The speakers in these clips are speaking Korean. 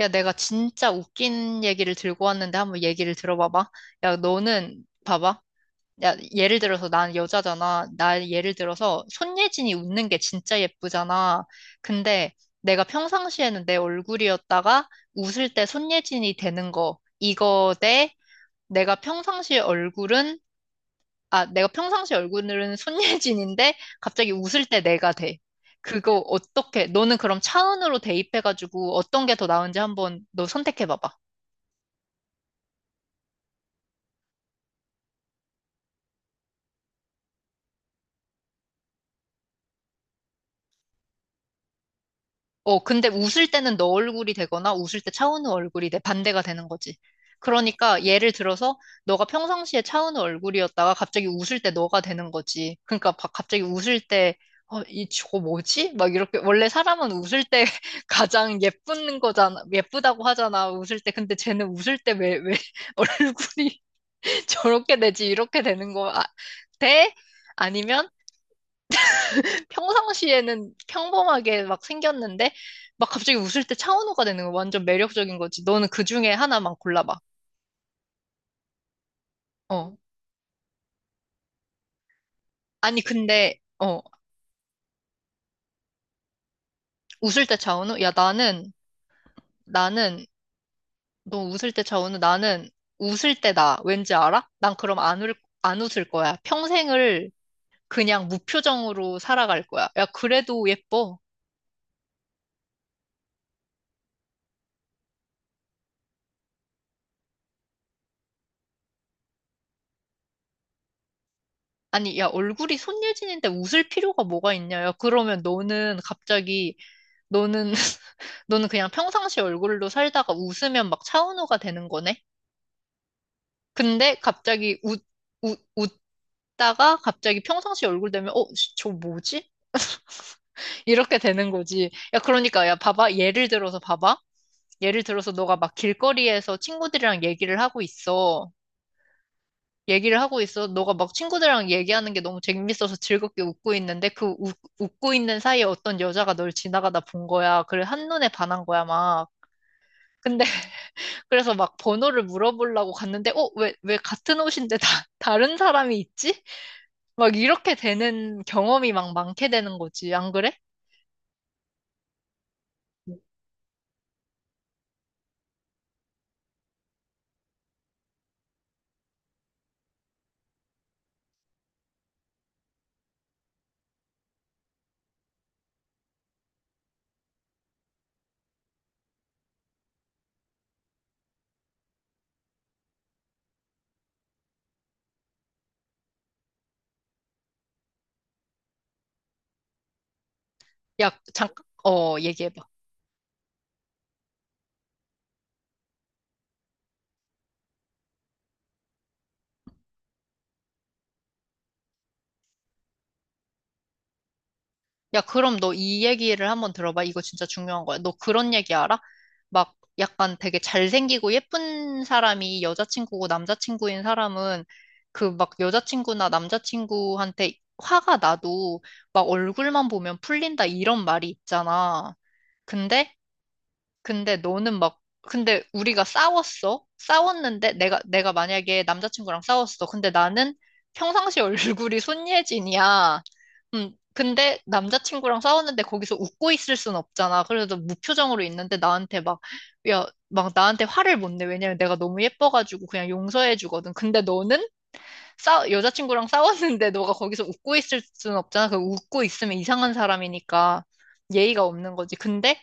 야, 내가 진짜 웃긴 얘기를 들고 왔는데 한번 얘기를 들어봐봐. 야, 너는 봐봐. 야, 예를 들어서 난 여자잖아. 나 예를 들어서 손예진이 웃는 게 진짜 예쁘잖아. 근데 내가 평상시에는 내 얼굴이었다가 웃을 때 손예진이 되는 거. 이거 대 내가 평상시 얼굴은 내가 평상시 얼굴은 손예진인데 갑자기 웃을 때 내가 돼. 그거 어떻게? 너는 그럼 차은으로 대입해가지고 어떤 게 더 나은지 한번 너 선택해봐봐. 근데 웃을 때는 너 얼굴이 되거나 웃을 때 차은우 얼굴이 내 반대가 되는 거지. 그러니까 예를 들어서 너가 평상시에 차은우 얼굴이었다가 갑자기 웃을 때 너가 되는 거지. 그러니까 갑자기 웃을 때 이 저거 뭐지? 막 이렇게 원래 사람은 웃을 때 가장 예쁜 거잖아. 예쁘다고 하잖아. 웃을 때. 근데 쟤는 웃을 때 왜 얼굴이 저렇게 되지? 이렇게 되는 거 돼? 아니면 평상시에는 평범하게 막 생겼는데 막 갑자기 웃을 때 차은우가 되는 거 완전 매력적인 거지. 너는 그 중에 하나만 골라봐. 어. 아니 근데 웃을 때 차은우? 야 나는 너 웃을 때 차은우? 나는 웃을 때 나. 왠지 알아? 난 그럼 안 웃을 거야. 평생을 그냥 무표정으로 살아갈 거야. 야 그래도 예뻐. 아니 야 얼굴이 손예진인데 웃을 필요가 뭐가 있냐? 야 그러면 너는 갑자기 너는 너는 그냥 평상시 얼굴로 살다가 웃으면 막 차은우가 되는 거네? 근데 갑자기 웃다가 갑자기 평상시 얼굴 되면, 어, 씨, 저 뭐지? 이렇게 되는 거지. 야, 그러니까, 야, 봐봐. 예를 들어서 봐봐. 예를 들어서 너가 막 길거리에서 친구들이랑 얘기를 하고 있어. 얘기를 하고 있어. 너가 막 친구들이랑 얘기하는 게 너무 재밌어서 즐겁게 웃고 있는데 그 웃고 있는 사이에 어떤 여자가 널 지나가다 본 거야. 그래, 한눈에 반한 거야, 막. 근데 그래서 막 번호를 물어보려고 갔는데, 어, 왜 같은 옷인데 다른 사람이 있지? 막 이렇게 되는 경험이 막 많게 되는 거지. 안 그래? 야, 잠깐, 어, 얘기해봐. 야, 그럼 너 이 얘기를 한번 들어봐. 이거 진짜 중요한 거야. 너 그런 얘기 알아? 막 약간 되게 잘생기고 예쁜 사람이 여자친구고 남자친구인 사람은 그 막 여자친구나 남자친구한테 화가 나도 막 얼굴만 보면 풀린다 이런 말이 있잖아. 근데 근데 너는 막, 근데 우리가 싸웠어? 싸웠는데 내가 만약에 남자친구랑 싸웠어. 근데 나는 평상시 얼굴이 손예진이야. 근데 남자친구랑 싸웠는데 거기서 웃고 있을 순 없잖아. 그래서 무표정으로 있는데 나한테 막, 야, 막 나한테 화를 못 내. 왜냐면 내가 너무 예뻐가지고 그냥 용서해 주거든. 근데 너는 여자친구랑 싸웠는데 너가 거기서 웃고 있을 순 없잖아. 그 웃고 있으면 이상한 사람이니까 예의가 없는 거지. 근데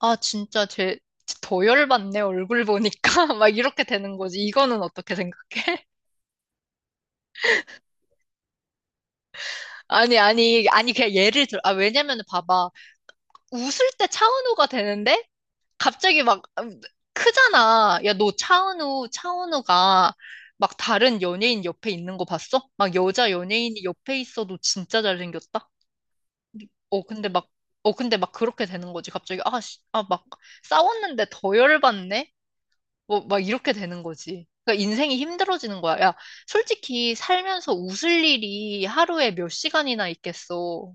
아, 진짜 제, 더 열받네, 얼굴 보니까. 막 이렇게 되는 거지. 이거는 어떻게 생각해? 아니, 그냥 예를 들어. 아, 왜냐면 봐봐. 웃을 때 차은우가 되는데, 갑자기 막, 크잖아. 야, 너 차은우가 막 다른 연예인 옆에 있는 거 봤어? 막 여자 연예인이 옆에 있어도 진짜 잘생겼다? 어, 근데 막, 어, 근데 막 그렇게 되는 거지. 갑자기, 아, 씨, 아, 막 싸웠는데 더 열받네? 뭐, 막 이렇게 되는 거지. 그러니까 인생이 힘들어지는 거야. 야, 솔직히 살면서 웃을 일이 하루에 몇 시간이나 있겠어.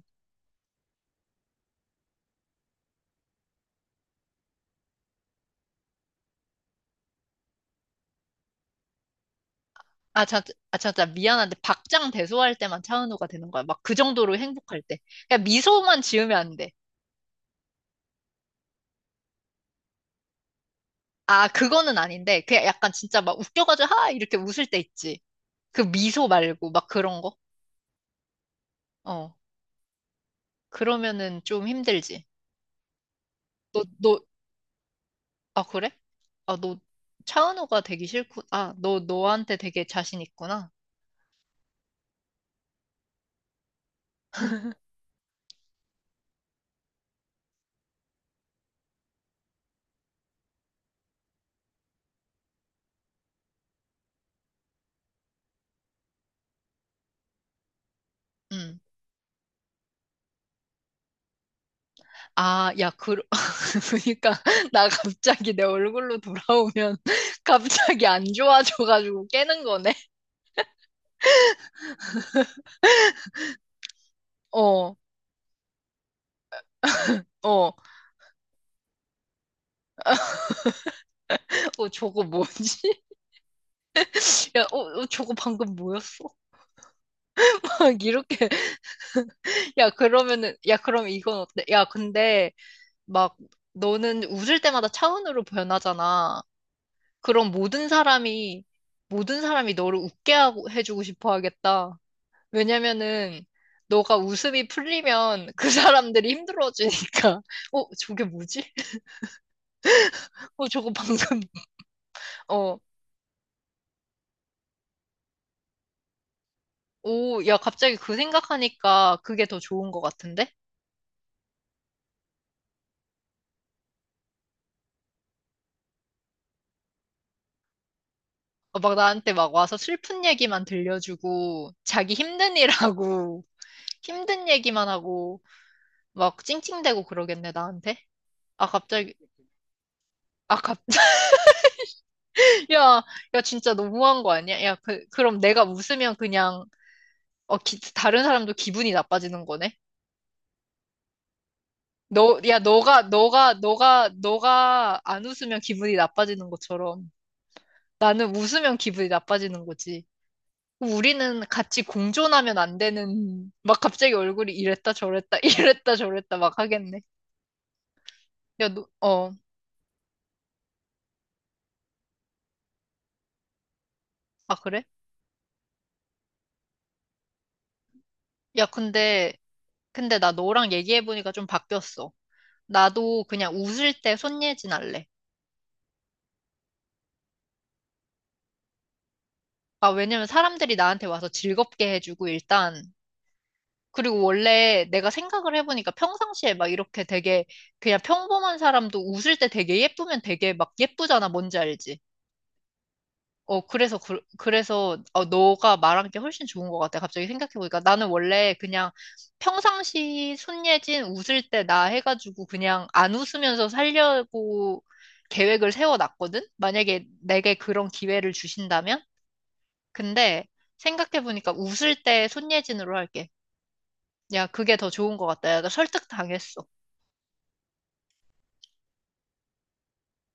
아, 참, 아, 참, 미안한데, 박장대소할 때만 차은우가 되는 거야. 막 그 정도로 행복할 때. 그냥 미소만 지으면 안 돼. 아, 그거는 아닌데, 그냥 약간 진짜 막 웃겨가지고, 하! 이렇게 웃을 때 있지. 그 미소 말고, 막 그런 거? 어. 그러면은 좀 힘들지. 너, 아, 그래? 아, 너 차은우가 되기 싫구, 아, 너한테 되게 자신 있구나. 음. 아, 야, 그, 그러니까, 나 갑자기 내 얼굴로 돌아오면 갑자기 안 좋아져가지고 깨는 거네? 어, 어. 어, 저거 뭐지? 야, 어, 저거 방금 뭐였어? 막 이렇게, 야, 그러면은, 야, 그럼 이건 어때? 야, 근데, 막, 너는 웃을 때마다 차은우로 변하잖아. 그럼 모든 사람이, 모든 사람이 너를 웃게 하고, 해주고 싶어 하겠다. 왜냐면은 너가 웃음이 풀리면 그 사람들이 힘들어지니까 어 저게 뭐지? 어 저거 방금 어 오 야 갑자기 그 생각하니까 그게 더 좋은 것 같은데? 어, 막 나한테 막 와서 슬픈 얘기만 들려주고 자기 힘든 일하고 힘든 얘기만 하고 막 찡찡대고 그러겠네 나한테? 아 갑자기 아 갑자기 야 진짜 너무한 거 아니야? 야 그럼 내가 웃으면 그냥 다른 사람도 기분이 나빠지는 거네? 너, 야, 너가 안 웃으면 기분이 나빠지는 것처럼 나는 웃으면 기분이 나빠지는 거지. 우리는 같이 공존하면 안 되는, 막 갑자기 얼굴이 이랬다 저랬다, 이랬다 저랬다 막 하겠네. 야, 너, 어, 아, 그래? 야, 근데, 근데 나 너랑 얘기해보니까 좀 바뀌었어. 나도 그냥 웃을 때 손예진 할래. 아, 왜냐면 사람들이 나한테 와서 즐겁게 해주고 일단 그리고 원래 내가 생각을 해보니까 평상시에 막 이렇게 되게 그냥 평범한 사람도 웃을 때 되게 예쁘면 되게 막 예쁘잖아. 뭔지 알지? 그래서, 어, 너가 말한 게 훨씬 좋은 것 같아. 갑자기 생각해보니까. 나는 원래 그냥 평상시 손예진 웃을 때 나 해가지고 그냥 안 웃으면서 살려고 계획을 세워놨거든? 만약에 내게 그런 기회를 주신다면? 근데 생각해보니까 웃을 때 손예진으로 할게. 야, 그게 더 좋은 것 같다. 야, 나 설득당했어.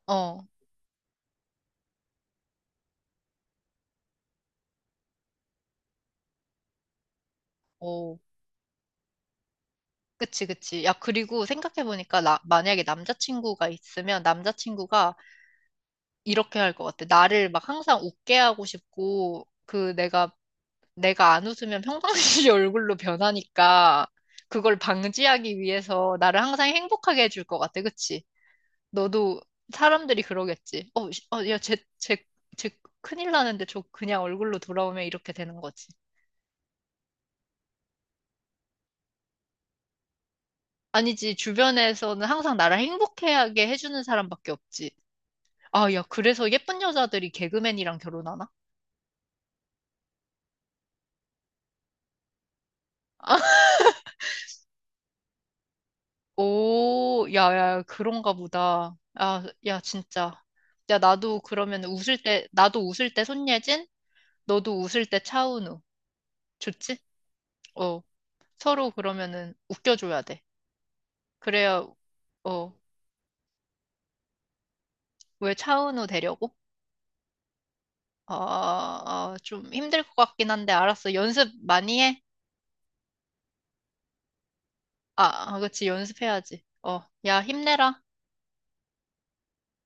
어, 어, 그치. 야, 그리고 생각해보니까, 나, 만약에 남자친구가 있으면 남자친구가 이렇게 할 것 같아. 나를 막 항상 웃게 하고 싶고, 내가 안 웃으면 평상시 얼굴로 변하니까, 그걸 방지하기 위해서 나를 항상 행복하게 해줄 것 같아. 그치? 너도 사람들이 그러겠지. 어, 씨, 어, 야, 쟤 큰일 나는데 저 그냥 얼굴로 돌아오면 이렇게 되는 거지. 아니지, 주변에서는 항상 나를 행복하게 해주는 사람밖에 없지. 아, 야, 그래서 예쁜 여자들이 개그맨이랑 결혼하나? 오, 야, 그런가 보다. 아, 야, 진짜. 야, 나도 그러면 웃을 때, 나도 웃을 때 손예진, 너도 웃을 때 차은우. 좋지? 어, 서로 그러면은 웃겨줘야 돼. 그래야, 어, 왜 차은우 되려고? 아, 아, 좀 힘들 것 같긴 한데, 알았어. 연습 많이 해. 아, 그치, 연습해야지. 어, 야, 힘내라.